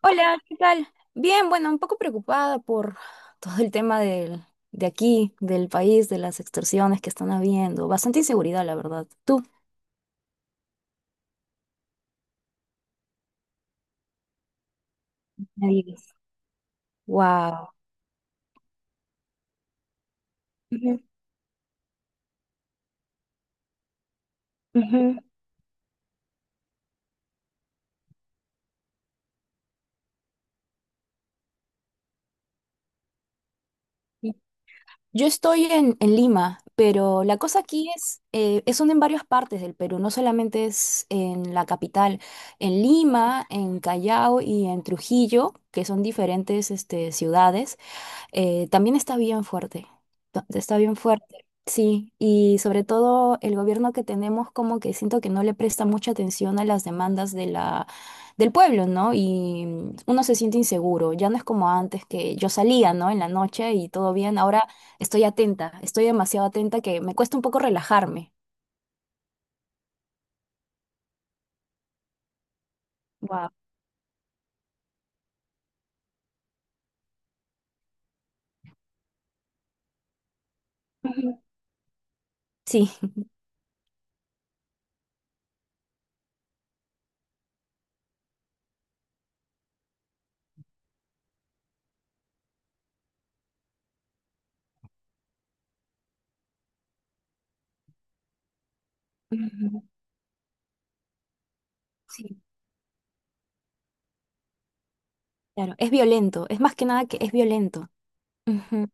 Hola, ¿qué tal? Bien, bueno, un poco preocupada por todo de aquí, del país, de las extorsiones que están habiendo. Bastante inseguridad, la verdad. ¿Tú? ¡Qué me digas! Wow. Yo estoy en Lima, pero la cosa aquí en varias partes del Perú, no solamente es en la capital, en Lima, en Callao y en Trujillo, que son diferentes ciudades. También está bien fuerte, está bien fuerte, sí, y sobre todo el gobierno que tenemos, como que siento que no le presta mucha atención a las demandas de del pueblo, ¿no? Y uno se siente inseguro, ya no es como antes que yo salía, ¿no? En la noche y todo bien, ahora estoy atenta, estoy demasiado atenta que me cuesta un poco relajarme. Wow. Sí. Ujú. Sí. Claro, es violento, es más que nada que es violento. Ujú.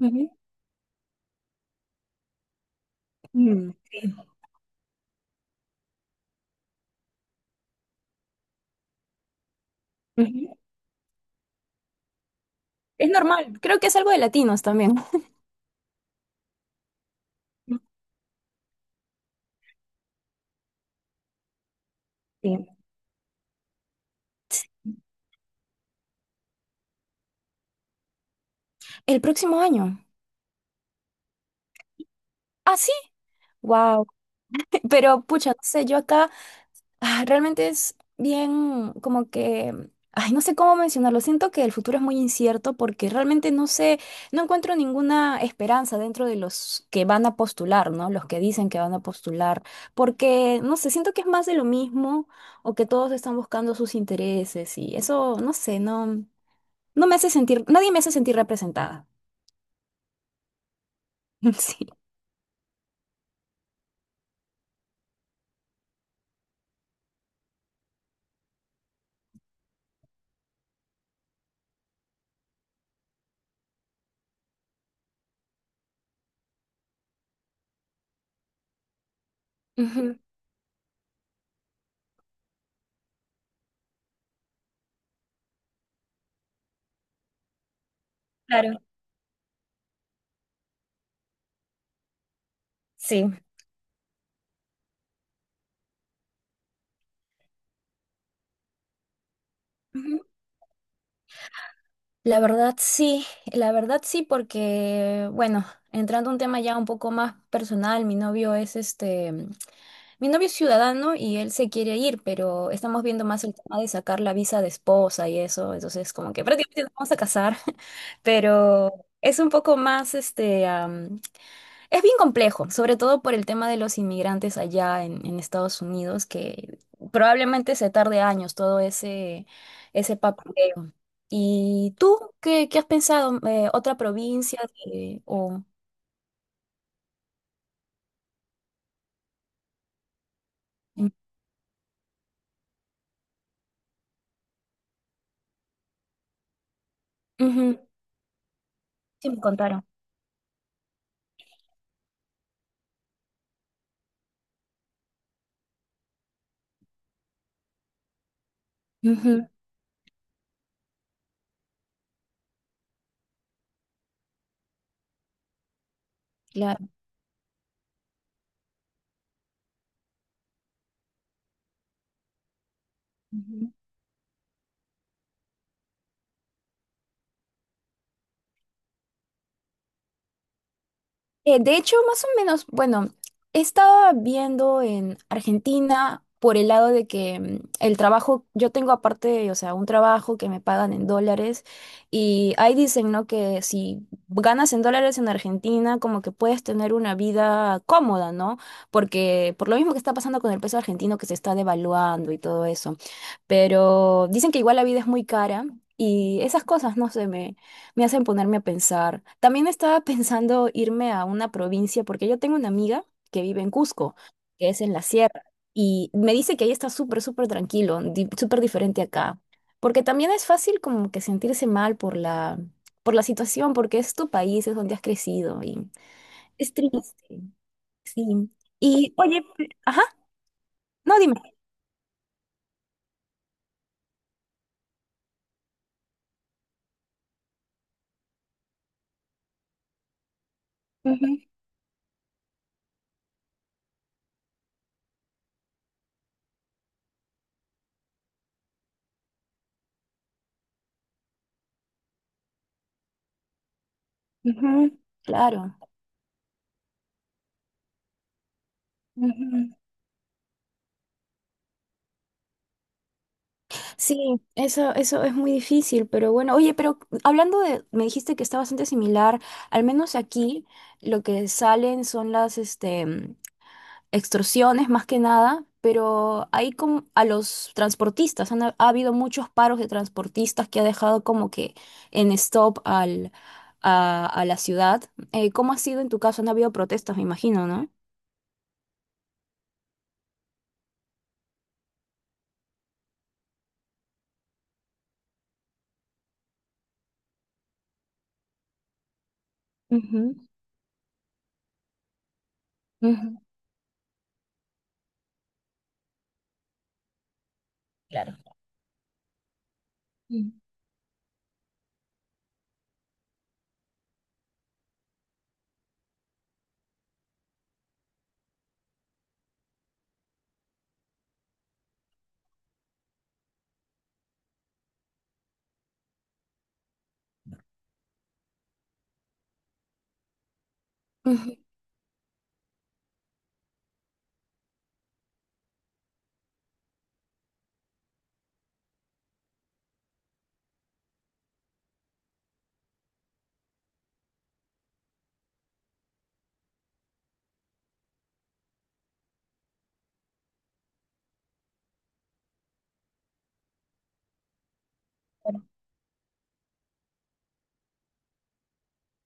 Ujú. Mm, sí. Ujú. Es normal, creo que es algo de latinos también. Sí. El próximo año. Ah, sí. Wow. Pero pucha, no sé, yo acá ah, realmente es bien como que, ay, no sé cómo mencionarlo. Siento que el futuro es muy incierto porque realmente no sé, no encuentro ninguna esperanza dentro de los que van a postular, ¿no? Los que dicen que van a postular, porque no sé, siento que es más de lo mismo o que todos están buscando sus intereses y eso, no sé, no me hace sentir, nadie me hace sentir representada. Sí. Ujú. Claro, sí. Ujú. La verdad sí, la verdad sí, porque, bueno, entrando a un tema ya un poco más personal, mi novio es ciudadano y él se quiere ir, pero estamos viendo más el tema de sacar la visa de esposa y eso, entonces como que prácticamente nos vamos a casar, pero es un poco más es bien complejo, sobre todo por el tema de los inmigrantes allá en Estados Unidos, que probablemente se tarde años todo ese papeleo. ¿Y tú qué, qué has pensado? ¿Otra provincia? de- o... Ujú. Sí, me contaron. Ujú, claro. De hecho, más o menos, bueno, estaba viendo en Argentina por el lado de que el trabajo, yo tengo aparte, o sea, un trabajo que me pagan en dólares, y ahí dicen, ¿no? Que si ganas en dólares en Argentina, como que puedes tener una vida cómoda, ¿no? Porque por lo mismo que está pasando con el peso argentino que se está devaluando y todo eso. Pero dicen que igual la vida es muy cara y esas cosas, no sé, me hacen ponerme a pensar. También estaba pensando irme a una provincia porque yo tengo una amiga que vive en Cusco, que es en la sierra, y me dice que ahí está súper, súper tranquilo, súper diferente acá. Porque también es fácil como que sentirse mal por por la situación, porque es tu país, es donde has crecido y es triste. Sí. Y, oye, ajá, no, dime. Ujú. Ujú. Claro. Ujú. Sí, eso es muy difícil, pero bueno, oye, pero hablando de, me dijiste que está bastante similar, al menos aquí lo que salen son las extorsiones más que nada, pero ahí como a los transportistas, ha habido muchos paros de transportistas que ha dejado como que en stop a la ciudad. ¿Cómo ha sido en tu caso? Han habido protestas, me imagino, ¿no? Ujú. Ujú. Claro.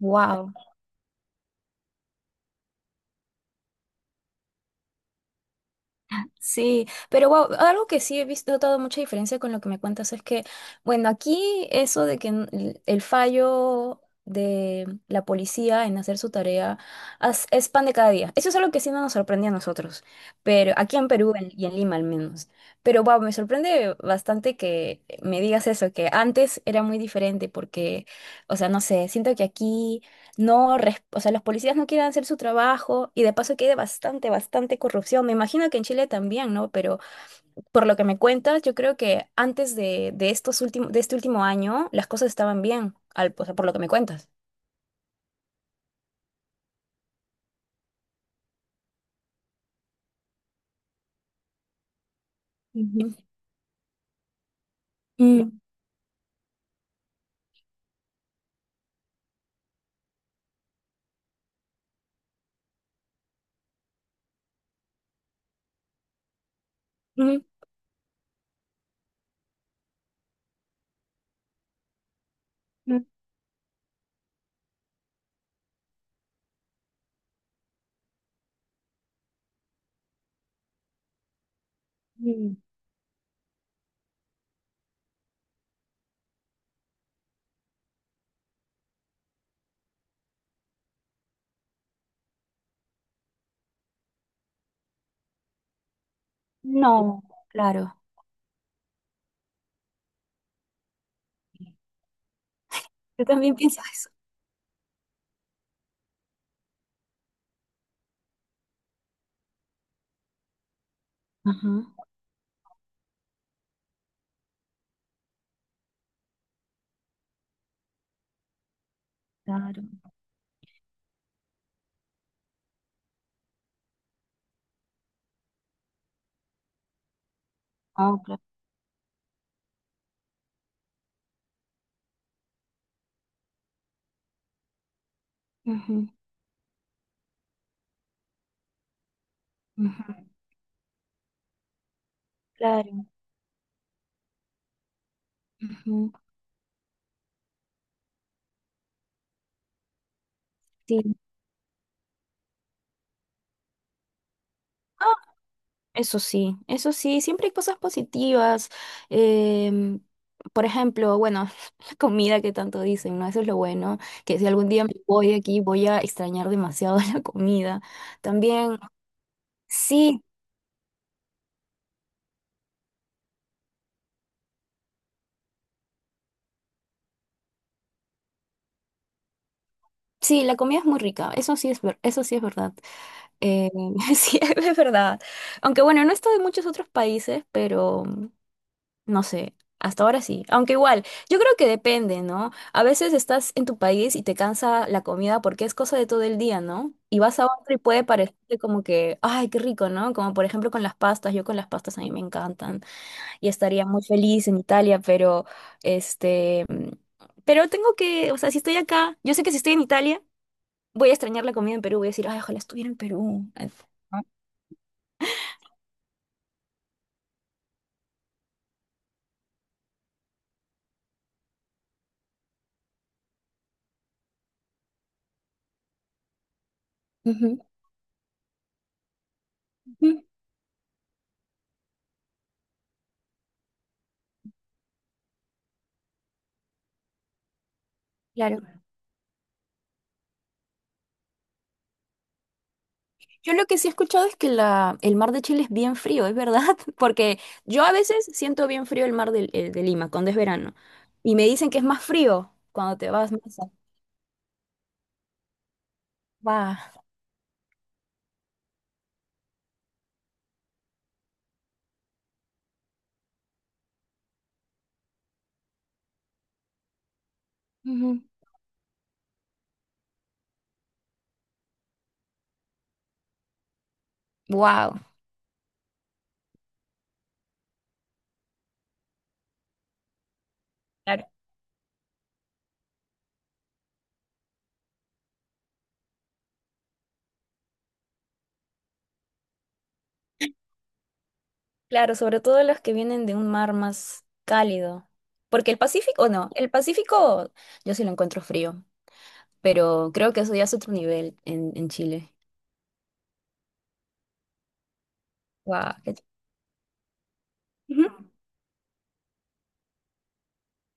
Wow. Sí, pero wow, algo que sí he visto, notado mucha diferencia con lo que me cuentas es que, bueno, aquí eso de que el fallo de la policía en hacer su tarea es pan de cada día. Eso es algo que sí no nos sorprende a nosotros, pero aquí en Perú y en Lima al menos. Pero wow, me sorprende bastante que me digas eso, que antes era muy diferente porque, o sea, no sé, siento que aquí no, res- o sea, los policías no quieren hacer su trabajo y de paso que hay de bastante, bastante corrupción. Me imagino que en Chile también, ¿no? Pero por lo que me cuentas, yo creo que antes de estos últimos, de este último año, las cosas estaban bien, al, o sea, por lo que me cuentas. Ujú. Mm. Mm. Mm. Mm. No, claro. Yo también pienso eso. Ajá, claro. Oh, claro. Ujú, ujú. Claro. Ujú. Sí. Eso sí, eso sí, siempre hay cosas positivas. Em, por ejemplo, bueno, la comida que tanto dicen, ¿no? Eso es lo bueno, que si algún día me voy de aquí voy a extrañar demasiado la comida. También, sí, sí, la comida es muy rica, eso sí es verdad. Em, Sí, es verdad. Aunque bueno, no he estado en muchos otros países, pero no sé, hasta ahora sí. Aunque igual, yo creo que depende, ¿no? A veces estás en tu país y te cansa la comida porque es cosa de todo el día, ¿no? Y vas a otro y puede parecerte como que, ay, qué rico, ¿no? Como por ejemplo con las pastas, yo con las pastas a mí me encantan y estaría muy feliz en Italia, pero este, mm, pero tengo que, o sea, si estoy acá, yo sé que si estoy en Italia, voy a extrañar la comida en Perú, voy a decir, ay, ojalá estuviera en Perú. Ujú, ujú. Claro. Yo lo que sí he escuchado es que el mar de Chile es bien frío, ¿es verdad? Porque yo a veces siento bien frío el mar Lima cuando es verano. Y me dicen que es más frío cuando te vas más a... Wow. Claro, claro, sobre todo los que vienen de un mar más cálido. Porque el Pacífico, no, el Pacífico yo sí lo encuentro frío, pero creo que eso ya es otro nivel en Chile. Wow.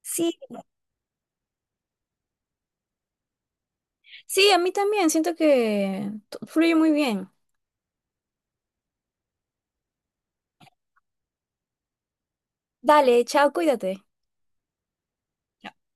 Sí, sí, a mí también, siento que fluye muy bien. Dale, chao, cuídate.